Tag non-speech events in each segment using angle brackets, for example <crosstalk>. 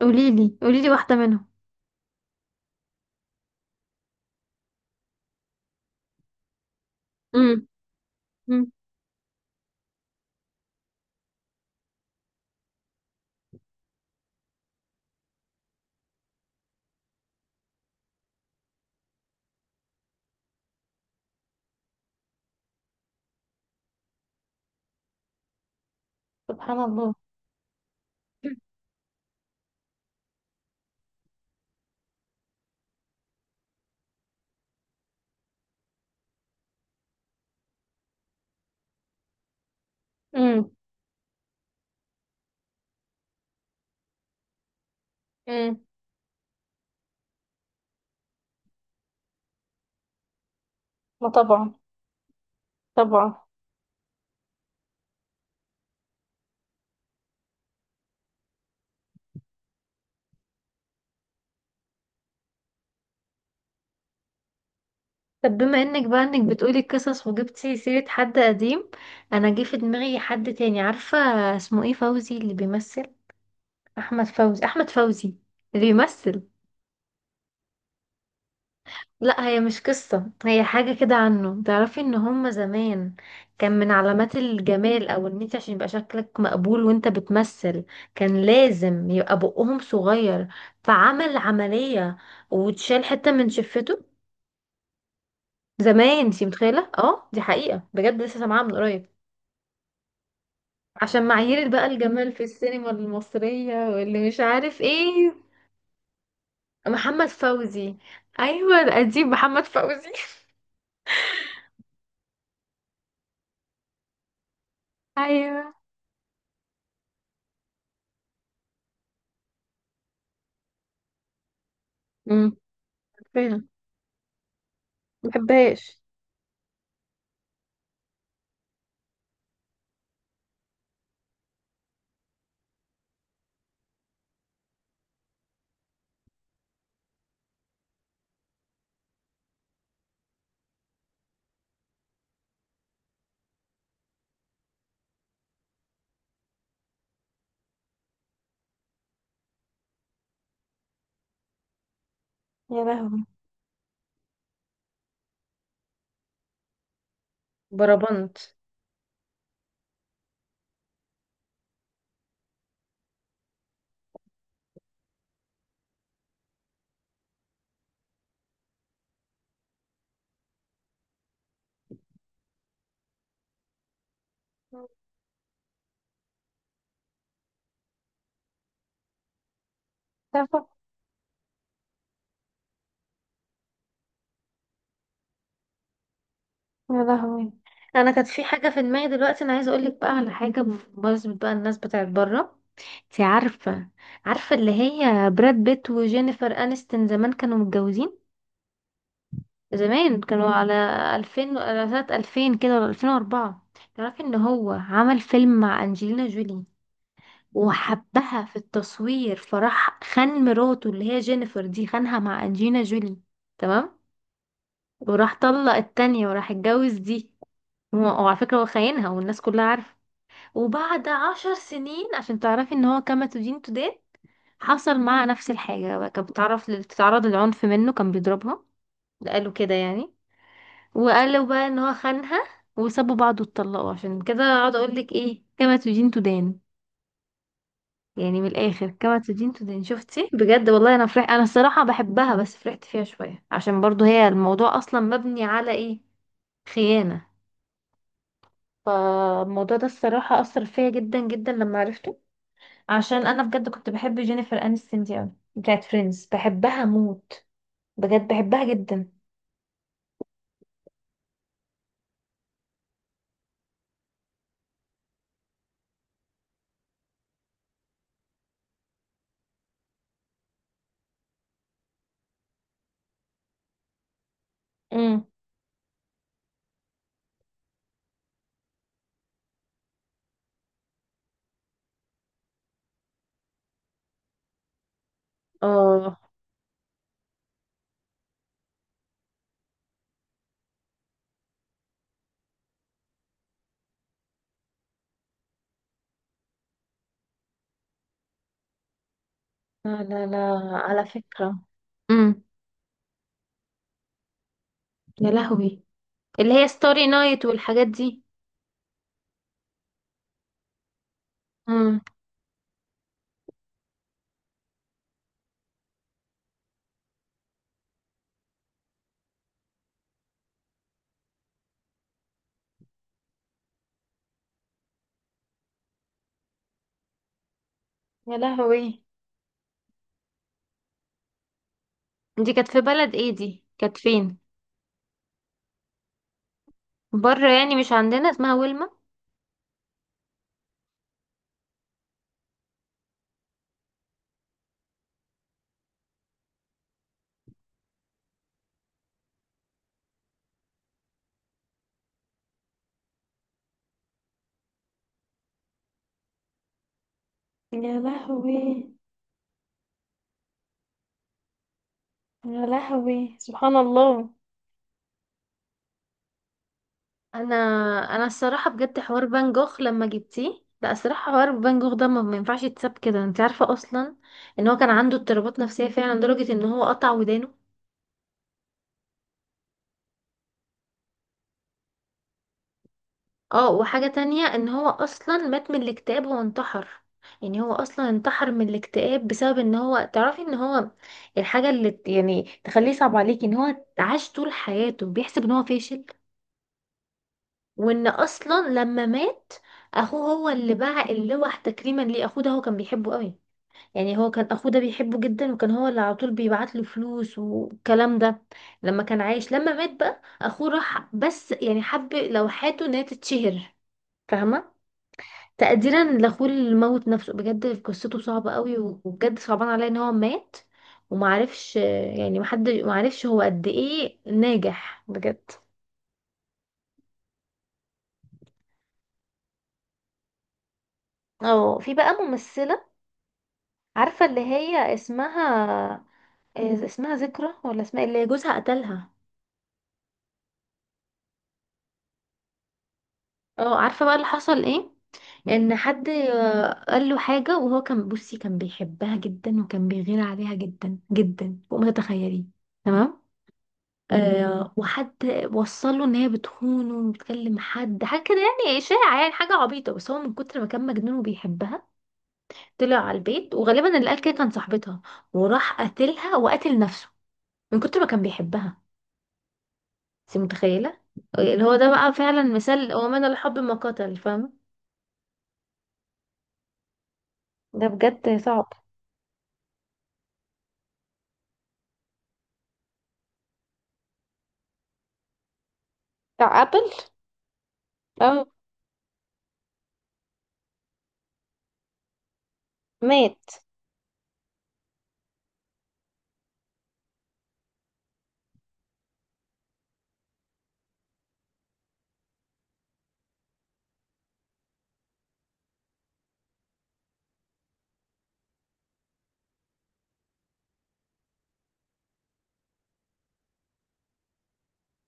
قوليلي واحدة منهم. امم. امم. سبحان الله. امم. امم. ما طبعا، طبعا. طب بما انك بقى انك بتقولي القصص وجبتي سيرة حد قديم، انا جه في دماغي حد تاني، عارفة؟ اسمه ايه؟ فوزي اللي بيمثل. احمد فوزي، احمد فوزي اللي بيمثل. لا هي مش قصة، هي حاجة كده عنه. تعرفي ان هما زمان كان من علامات الجمال او ان انت عشان يبقى شكلك مقبول وانت بتمثل كان لازم يبقى بقهم صغير. فعمل عملية وتشال حتة من شفته زمان. انتي متخيلة؟ اه دي حقيقة بجد، لسه سامعاها من قريب. عشان معايير بقى الجمال في السينما المصرية واللي مش عارف ايه. محمد فوزي. ايوه القديم، محمد فوزي. <laughs> ايوه. امم. فيلم، مبحبهاش. يا لهوي. بربنت. تعرف- يا لهوي، انا كانت في حاجه في دماغي دلوقتي، انا عايزه اقول لك بقى على حاجه بمناسبه بقى الناس بتاعت بره. انت عارفه؟ عارفه اللي هي براد بيت وجينيفر انستون زمان كانوا متجوزين؟ زمان كانوا على 2000، على سنه 2000 كده ولا 2004. تعرفي ان هو عمل فيلم مع انجلينا جولي وحبها في التصوير، فراح خان مراته اللي هي جينيفر دي، خانها مع انجلينا جولي. تمام؟ وراح طلق التانية وراح اتجوز دي. وعلى فكرة هو خاينها والناس كلها عارفة. وبعد 10 سنين، عشان تعرفي ان هو كما تدين تدان، حصل معاها نفس الحاجة بقى. كانت بتعرف بتتعرض للعنف منه، كان بيضربها. قالوا كده يعني. وقالوا بقى ان هو خانها، وسابوا بعض واتطلقوا. عشان كده اقعد اقول لك ايه، كما تدين تدان. يعني من الاخر كما تدين تدان. شفتي بجد؟ والله انا فرح، انا الصراحة بحبها، بس فرحت فيها شوية عشان برضو هي الموضوع اصلا مبني على ايه؟ خيانة. فالموضوع ده الصراحة أثر فيا جدا جدا لما عرفته، عشان أنا بجد كنت بحب جينيفر أنستون دي أوي، بتاعت فريندز، بحبها موت. بجد بحبها جدا. امم. اه. لا، لا، لا، على فكرة. امم. يا لهوي، اللي هي ستوري نايت والحاجات دي. امم. يا لهوي. دي كانت في بلد ايه؟ دي كانت فين؟ بره يعني مش عندنا، اسمها ويلما. يا لهوي. يا لهوي، سبحان الله. انا، انا الصراحه بجد حوار فان جوخ لما جبتيه، لا الصراحه حوار فان جوخ ده ما ينفعش يتساب كده، انت عارفه اصلا ان هو كان عنده اضطرابات نفسيه فعلا لدرجه ان هو قطع ودانه. اه. وحاجه تانية، ان هو اصلا مات من الاكتئاب، هو انتحر. يعني هو اصلا انتحر من الاكتئاب بسبب ان هو، تعرفي ان هو الحاجه اللي يعني تخليه صعب عليكي ان هو عاش طول حياته بيحسب ان هو فاشل. وان اصلا لما مات، اخوه هو اللي باع اللوح تكريما ليه. اخوه ده هو كان بيحبه قوي، يعني هو كان اخوه ده بيحبه جدا، وكان هو اللي على طول بيبعت له فلوس والكلام ده لما كان عايش. لما مات بقى اخوه راح بس يعني حب لوحاته ان هي تتشهر. فاهمه؟ تقديرا لاخوه اللي موت نفسه. بجد قصته صعبه قوي، وبجد صعبان عليا ان هو مات ومعرفش، يعني محد معرفش هو قد ايه ناجح بجد. اه، في بقى ممثله، عارفه اللي هي اسمها إيه، اسمها ذكرى ولا اسمها إيه؟ اللي جوزها قتلها. اه، عارفه بقى اللي حصل ايه؟ ان حد قال له حاجه، وهو كان بصي كان بيحبها جدا وكان بيغير عليها جدا جدا فوق ما تتخيلي. تمام؟ آه، وحد وصل له ان هي بتخونه وبتكلم حد، حاجه كده يعني، اشاعه، يعني حاجه عبيطه. بس هو من كتر ما كان مجنون وبيحبها طلع على البيت، وغالبا اللي قال كده كان صاحبتها، وراح قتلها وقتل نفسه من كتر ما كان بيحبها. انت متخيله؟ اللي هو ده بقى فعلا مثال، ومن الحب ما قتل. فاهمه؟ ده بجد صعب. بتاع ابل. اه. مات.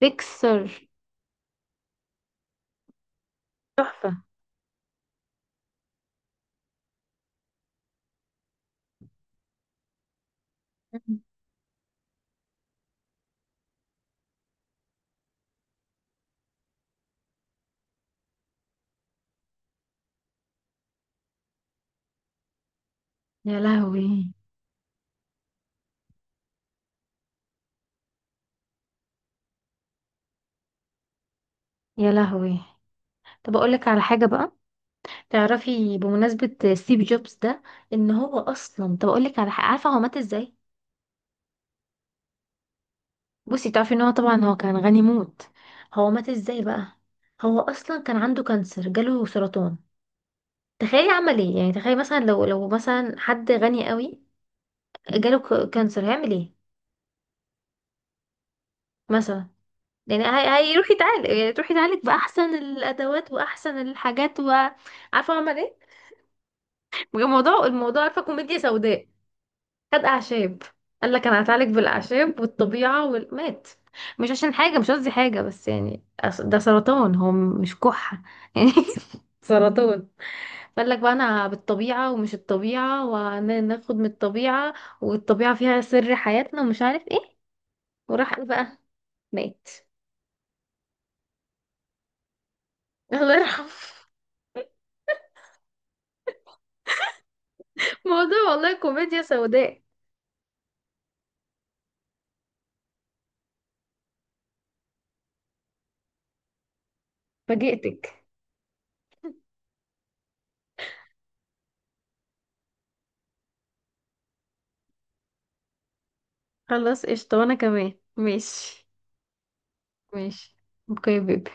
بيكسر. مم. يا لهوي. يا لهوي، طب اقول لك على حاجه بقى، تعرفي بمناسبه ستيف جوبز ده ان هو اصلا، طب اقول لك على حاجه، عارفه هو مات ازاي؟ بصي، تعرفي ان هو طبعا هو كان غني موت. هو مات ازاي بقى؟ هو اصلا كان عنده كانسر، جاله سرطان. تخيلي عمل ايه، يعني تخيلي مثلا لو، لو مثلا حد غني قوي جاله كانسر، هيعمل ايه مثلا؟ يعني هيروح يتعالج، يعني تروح يتعالج باحسن الادوات واحسن الحاجات. وعارفه هو عمل ايه؟ الموضوع، الموضوع عارفة كوميديا سوداء. خد أعشاب. قال لك أنا هتعالج بالأعشاب والطبيعة والمات. مش عشان حاجة، مش قصدي حاجة، بس ده سرطان، هو مش كحة <laughs> يعني. سرطان. قال لك بقى أنا بالطبيعة ومش الطبيعة، وناخد من الطبيعة والطبيعة فيها سر حياتنا ومش عارف ايه. وراح قال بقى، مات. الله يرحمه. <laughs> موضوع والله كوميديا سوداء. فاجئتك. خلاص قشطة، وأنا كمان ماشي. ماشي. اوكي يا بيبي.